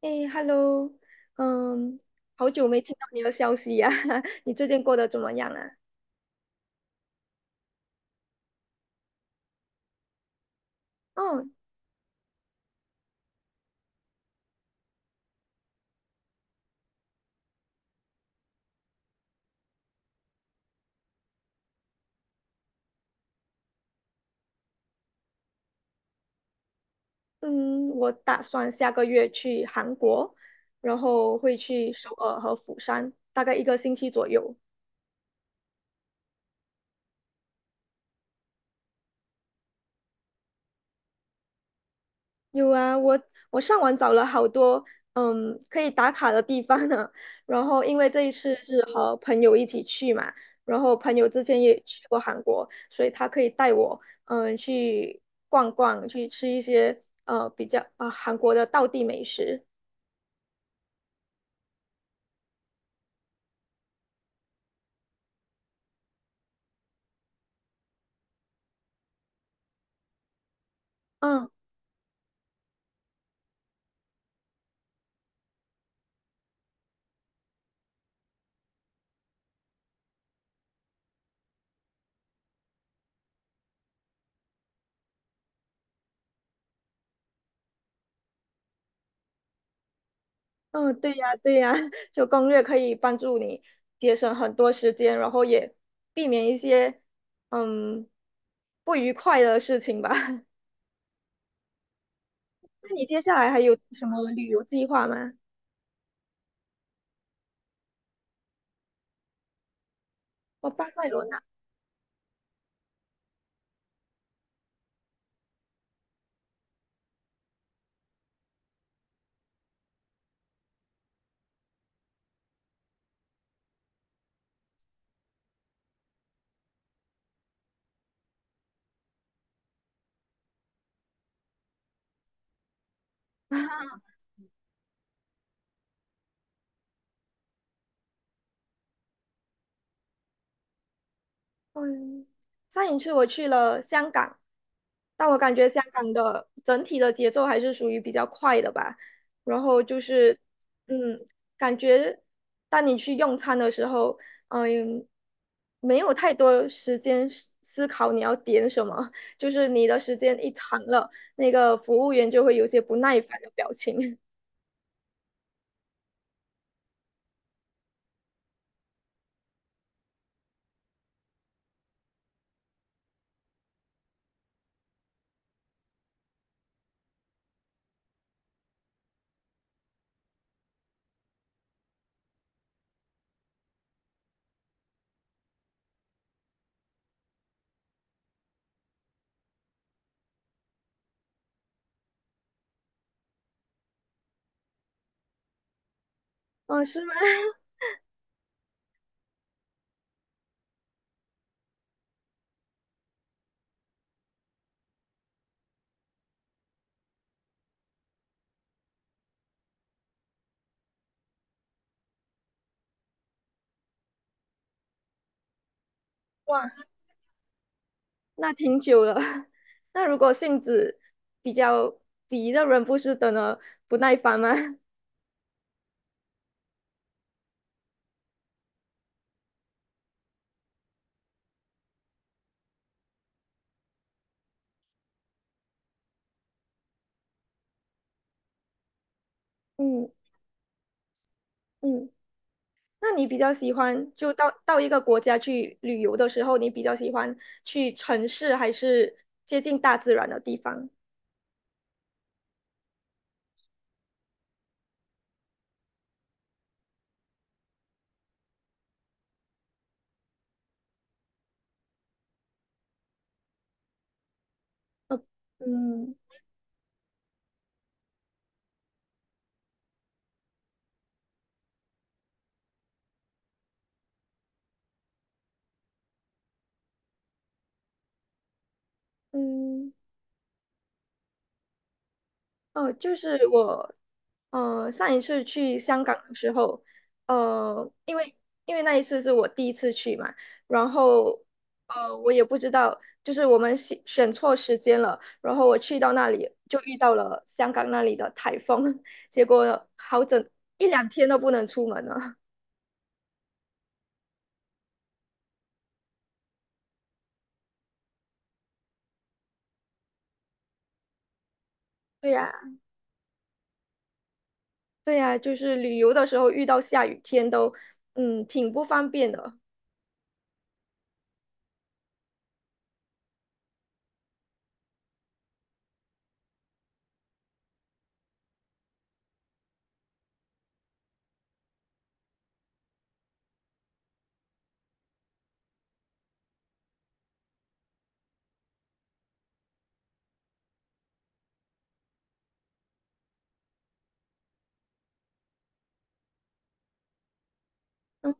哎，Hello，嗯，好久没听到你的消息呀、你最近过得怎么样啊？哦，嗯，我打算下个月去韩国，然后会去首尔和釜山，大概一个星期左右。有啊，我上网找了好多可以打卡的地方呢。然后因为这一次是和朋友一起去嘛，然后朋友之前也去过韩国，所以他可以带我去逛逛，去吃一些比较啊、韩国的道地美食。嗯嗯，对呀对呀，就攻略可以帮助你节省很多时间，然后也避免一些嗯不愉快的事情吧。那你接下来还有什么旅游计划吗？哦，巴塞罗那，嗯，上一次我去了香港，但我感觉香港的整体的节奏还是属于比较快的吧。然后就是，嗯，感觉当你去用餐的时候，嗯，没有太多时间思考你要点什么，就是你的时间一长了，那个服务员就会有些不耐烦的表情。嗯，是吗？哇。那挺久了。那如果性子比较急的人，不是等了不耐烦吗？嗯嗯，那你比较喜欢就到一个国家去旅游的时候，你比较喜欢去城市还是接近大自然的地方？呃，嗯嗯。哦，就是我，上一次去香港的时候，呃，因为因为那一次是我第一次去嘛，然后，我也不知道，就是我们选错时间了，然后我去到那里就遇到了香港那里的台风，结果好整一两天都不能出门了。对呀，对呀，就是旅游的时候遇到下雨天都，嗯，挺不方便的。嗯，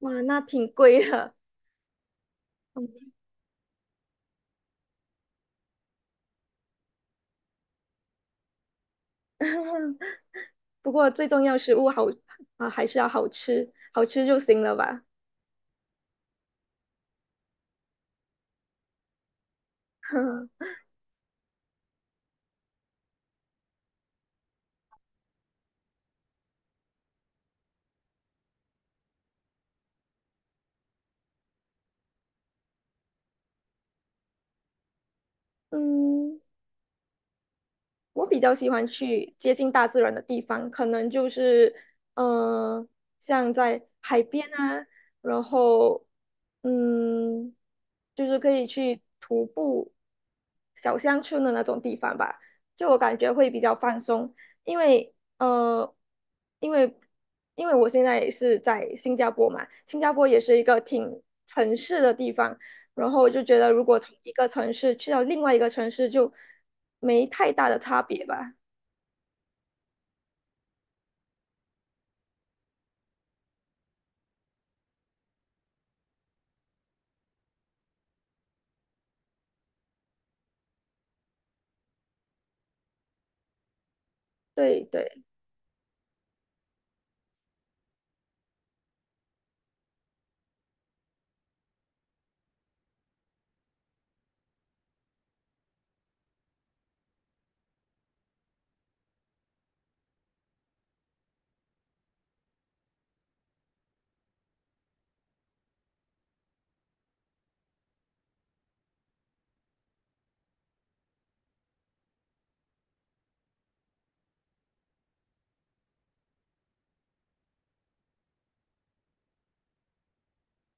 哇，那挺贵的。嗯不过最重要食物好啊，还是要好吃，好吃就行了吧。嗯，我比较喜欢去接近大自然的地方，可能就是嗯，像在海边啊，然后嗯，就是可以去徒步小乡村的那种地方吧，就我感觉会比较放松，因为呃，因为因为我现在也是在新加坡嘛，新加坡也是一个挺城市的地方。然后我就觉得，如果从一个城市去到另外一个城市，就没太大的差别吧。对对，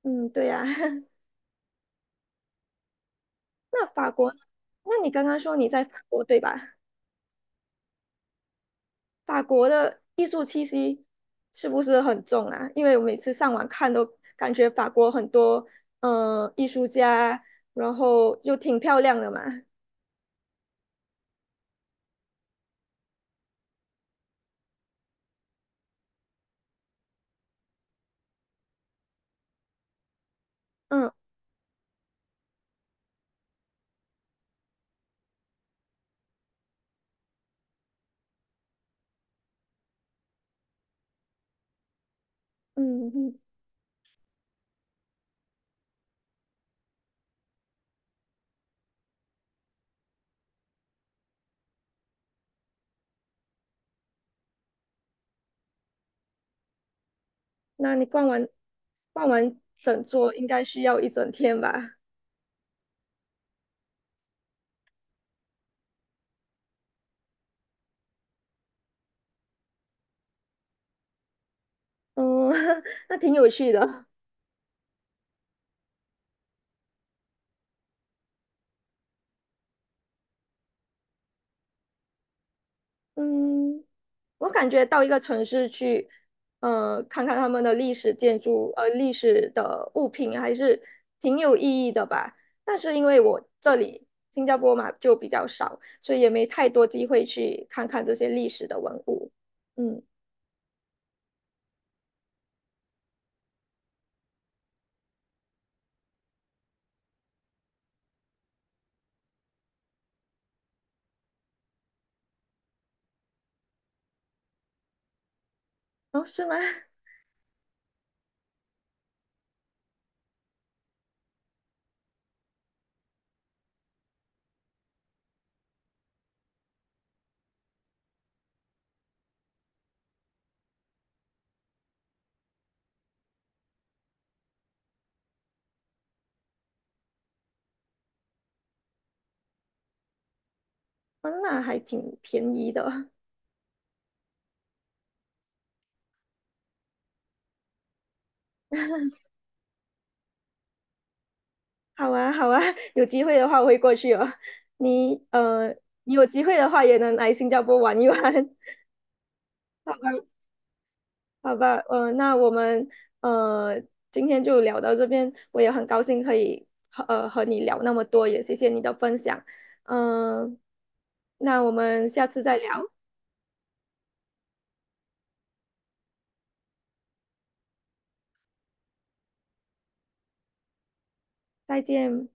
嗯，对呀、那法国呢那你刚刚说你在法国对吧？法国的艺术气息是不是很重啊？因为我每次上网看都感觉法国很多艺术家，然后又挺漂亮的嘛。嗯嗯，嗯那你逛完整座应该需要一整天吧？嗯，那挺有趣的。嗯，我感觉到一个城市去，看看他们的历史建筑，历史的物品还是挺有意义的吧。但是因为我这里新加坡嘛就比较少，所以也没太多机会去看看这些历史的文物。嗯，哦，是吗？哦，那还挺便宜的。好啊，好啊，有机会的话我会过去哦。你呃，你有机会的话也能来新加坡玩一玩。好吧，那我们呃今天就聊到这边，我也很高兴可以和和你聊那么多，也谢谢你的分享，嗯、那我们下次再聊，再见。